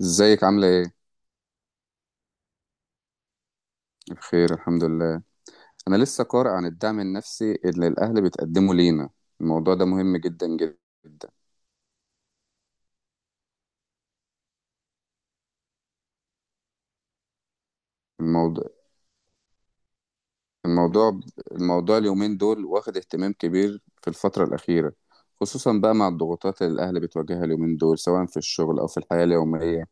ازيك عاملة ايه؟ بخير الحمد لله. انا لسه قارئ عن الدعم النفسي اللي الاهل بتقدمه لينا. الموضوع ده مهم جدا جدا. الموضوع الموضوع الموضوع اليومين دول واخد اهتمام كبير في الفترة الأخيرة، خصوصا بقى مع الضغوطات اللي الاهل بتواجهها اليومين دول سواء في الشغل او في الحياة اليومية.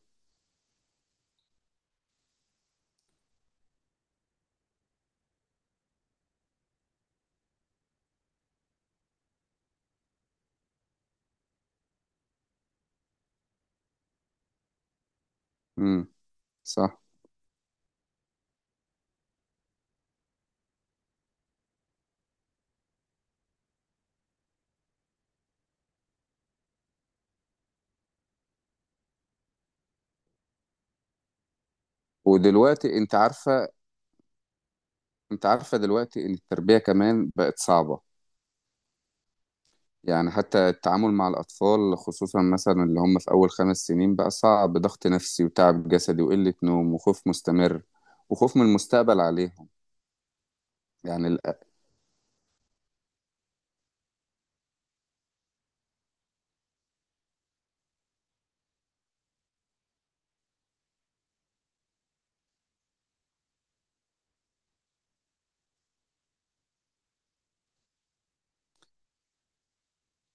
امم. صح. ودلوقتي انت عارفة دلوقتي ان التربية كمان بقت صعبة. يعني حتى التعامل مع الأطفال خصوصا مثلا اللي هم في أول 5 سنين بقى صعب، ضغط نفسي وتعب جسدي وقلة نوم وخوف مستمر وخوف من المستقبل عليهم. يعني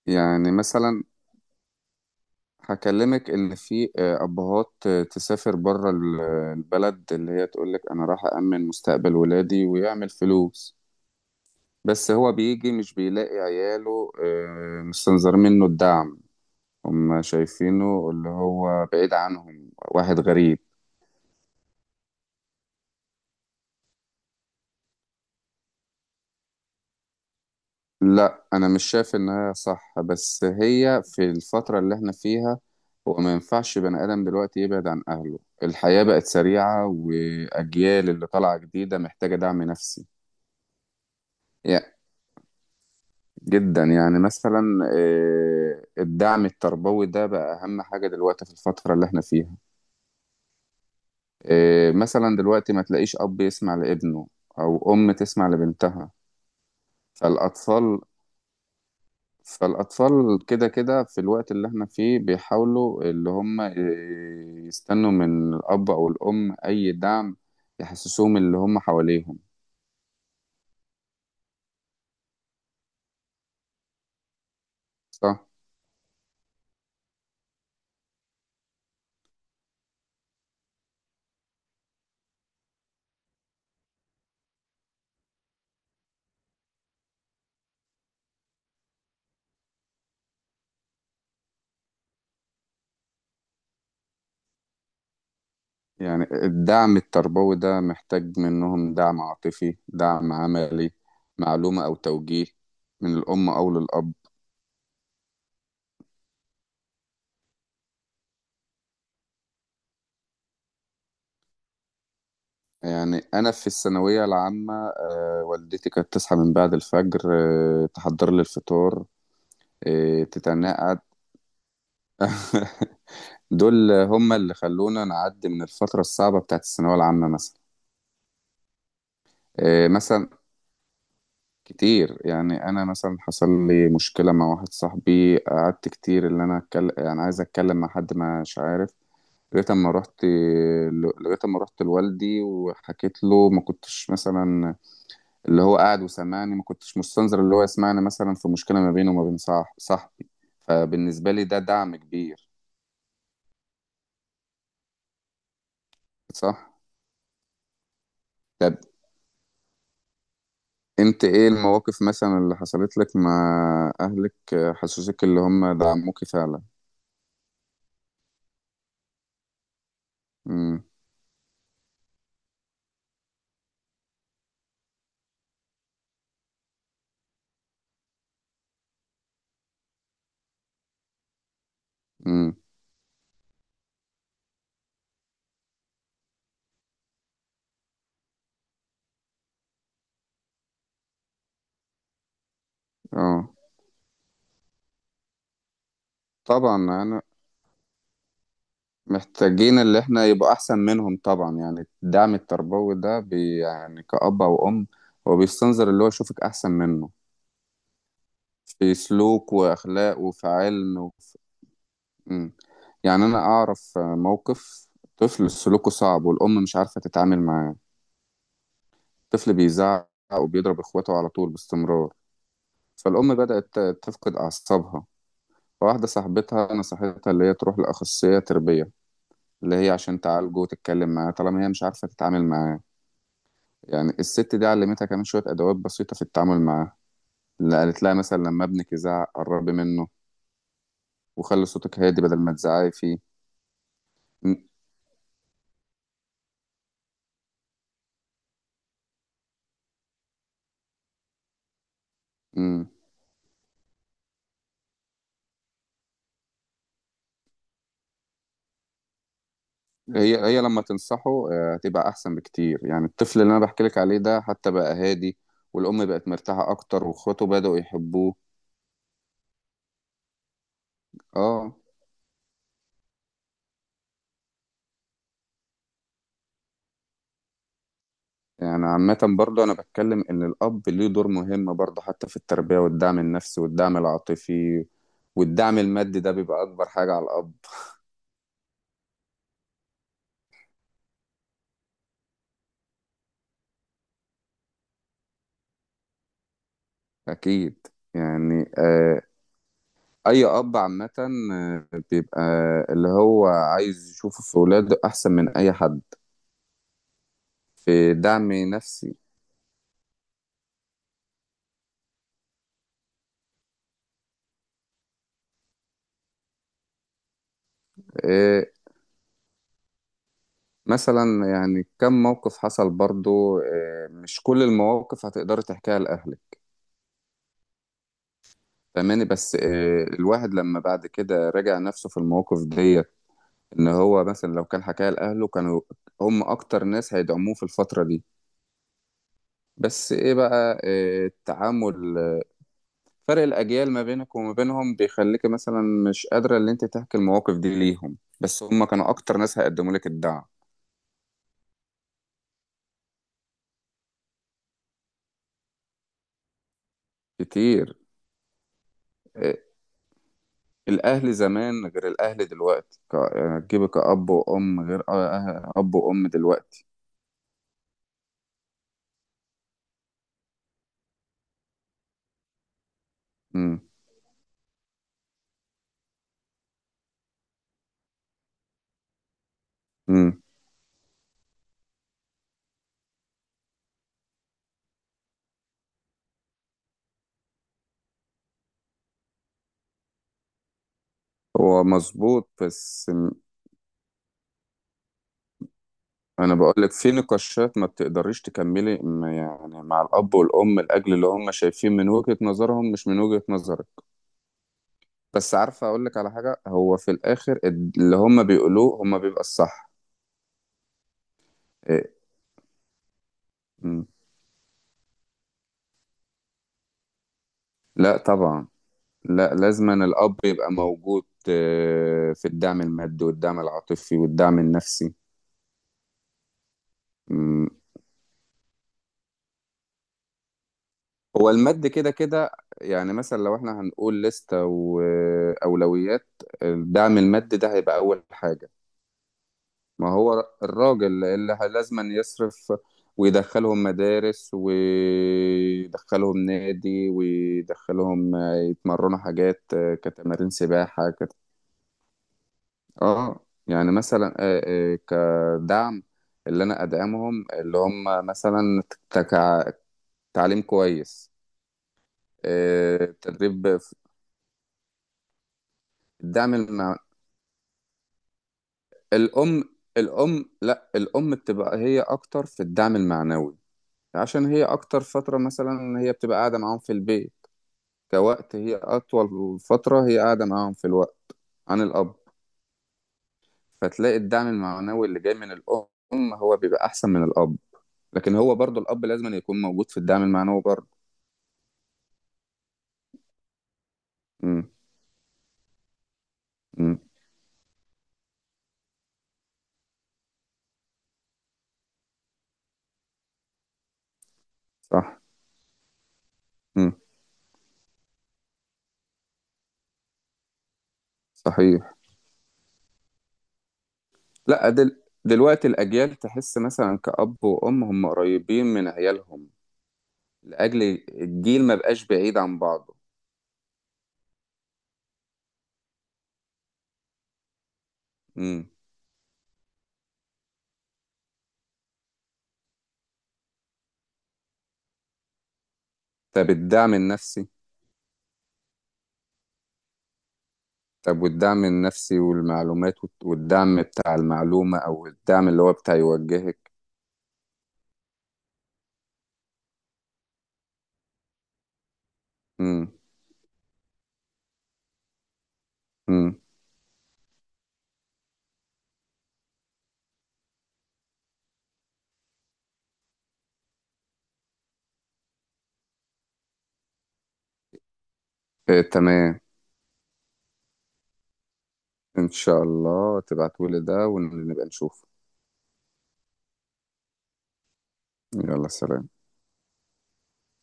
يعني مثلا هكلمك إن في أبهات تسافر بره البلد اللي هي تقولك أنا راح أأمن مستقبل ولادي ويعمل فلوس. بس هو بيجي مش بيلاقي عياله مستنظرين منه الدعم، هم شايفينه اللي هو بعيد عنهم واحد غريب. لا انا مش شايف انها صح، بس هي في الفترة اللي احنا فيها هو ما ينفعش بني ادم دلوقتي يبعد عن اهله. الحياة بقت سريعة واجيال اللي طالعة جديدة محتاجة دعم نفسي. يعني جدا، يعني مثلا الدعم التربوي ده بقى اهم حاجة دلوقتي في الفترة اللي احنا فيها. مثلا دلوقتي ما تلاقيش اب يسمع لابنه او ام تسمع لبنتها. فالاطفال فالأطفال كده كده في الوقت اللي احنا فيه بيحاولوا اللي هم يستنوا من الأب أو الأم أي دعم يحسسوهم اللي هم حواليهم. صح؟ يعني الدعم التربوي ده محتاج منهم دعم عاطفي، دعم عملي، معلومة أو توجيه من الأم أو للأب. يعني أنا في الثانوية العامة والدتي كانت تصحى من بعد الفجر، تحضر لي الفطار، تتنقع. دول هم اللي خلونا نعدي من الفترة الصعبة بتاعت الثانوية العامة مثلا. إيه مثلا كتير، يعني أنا مثلا حصل لي مشكلة مع واحد صاحبي. قعدت كتير اللي أنا أتكلم، يعني عايز أتكلم مع حد مش عارف، لغاية أما رحت لغاية أما رحت لوالدي وحكيت له. ما كنتش مثلا اللي هو قاعد وسمعني، ما كنتش مستنظر اللي هو يسمعني مثلا في مشكلة ما بينه وما بين صاحبي. فبالنسبة لي ده دعم كبير. صح؟ ده انت ايه المواقف مثلا اللي حصلت لك مع اهلك حسسوك اللي هم دعموكي فعلا؟ امم. امم. اه طبعا، انا محتاجين اللي احنا يبقى احسن منهم طبعا. يعني الدعم التربوي ده بي يعني كأب او ام، هو بيستنظر اللي هو يشوفك احسن منه في سلوك واخلاق وفي علم وفي... مم. يعني انا اعرف موقف طفل سلوكه صعب والام مش عارفة تتعامل معاه. طفل بيزعق وبيضرب اخواته على طول باستمرار. فالأم بدأت تفقد أعصابها. فواحدة صاحبتها نصحتها اللي هي تروح لأخصائية تربية، اللي هي عشان تعالجه وتتكلم معاه طالما هي مش عارفة تتعامل معاه. يعني الست دي علمتها كمان شوية أدوات بسيطة في التعامل معاه. اللي قالت لها مثلا لما ابنك يزعق قربي منه وخلي صوتك هادي بدل ما تزعقي فيه. م- م. هي هي لما تنصحه هتبقى أحسن بكتير. يعني الطفل اللي أنا بحكي لك عليه ده حتى بقى هادي، والأم بقت مرتاحة أكتر، وإخواته بدأوا يحبوه. اه. يعني عامة برضه أنا بتكلم إن الأب ليه دور مهم برضه حتى في التربية والدعم النفسي والدعم العاطفي، والدعم المادي ده بيبقى أكبر حاجة على الأب. أكيد. يعني أي أب عامة بيبقى اللي هو عايز يشوفه في ولاده أحسن من أي حد في دعم نفسي. آه مثلا يعني كم موقف حصل برضه، مش كل المواقف هتقدري تحكيها لأهلك. فاهماني؟ بس الواحد لما بعد كده راجع نفسه في المواقف دي، ان هو مثلا لو كان حكاها لاهله كانوا هم اكتر ناس هيدعموه في الفتره دي. بس ايه بقى، إيه التعامل، فرق الاجيال ما بينك وما بينهم بيخليك مثلا مش قادره ان انت تحكي المواقف دي ليهم، بس هم كانوا اكتر ناس هيقدموا لك الدعم. كتير. إيه، الاهل زمان غير الاهل دلوقتي، تجيبك كأب وام غير اب وام دلوقتي. امم. امم. هو مظبوط، بس انا بقول لك في نقاشات ما بتقدريش تكملي ما يعني مع الاب والام لاجل اللي هم شايفين من وجهة نظرهم مش من وجهة نظرك. بس عارفه اقول لك على حاجه، هو في الاخر اللي هم بيقولوه هم بيبقى الصح. إيه؟ مم. لا طبعا. لا لازما الاب يبقى موجود في الدعم المادي والدعم العاطفي والدعم النفسي. مم. هو المادي كده كده. يعني مثلا لو احنا هنقول لستة وأولويات، الدعم المادي ده هيبقى أول حاجة. ما هو الراجل اللي لازما يصرف ويدخلهم مدارس ويدخلهم نادي ويدخلهم يتمرنوا حاجات كتمارين سباحة اه. يعني مثلا كدعم اللي انا ادعمهم اللي هم مثلا تك- تعليم كويس، تدريب الدعم المع... الام الام لا، الام بتبقى هي اكتر في الدعم المعنوي، عشان هي اكتر فترة مثلا هي بتبقى قاعدة معاهم في البيت، كوقت هي اطول فترة هي قاعدة معاهم في الوقت عن الاب. فتلاقي الدعم المعنوي اللي جاي من الام هو بيبقى احسن من الاب، لكن هو برضو الاب لازم يكون موجود في الدعم المعنوي برضو. امم. امم. صح. امم. صحيح. لا، دلوقتي الاجيال تحس مثلا كاب وام هم قريبين من عيالهم، لاجل الجيل ما بقاش بعيد عن بعضه. امم. طب الدعم النفسي، طب والدعم النفسي والمعلومات والدعم بتاع المعلومة أو الدعم اللي هو بتاع يوجهك. مم. مم. إيه تمام. إن شاء الله تبعتولي ده ونبقى نشوف. يلا سلام.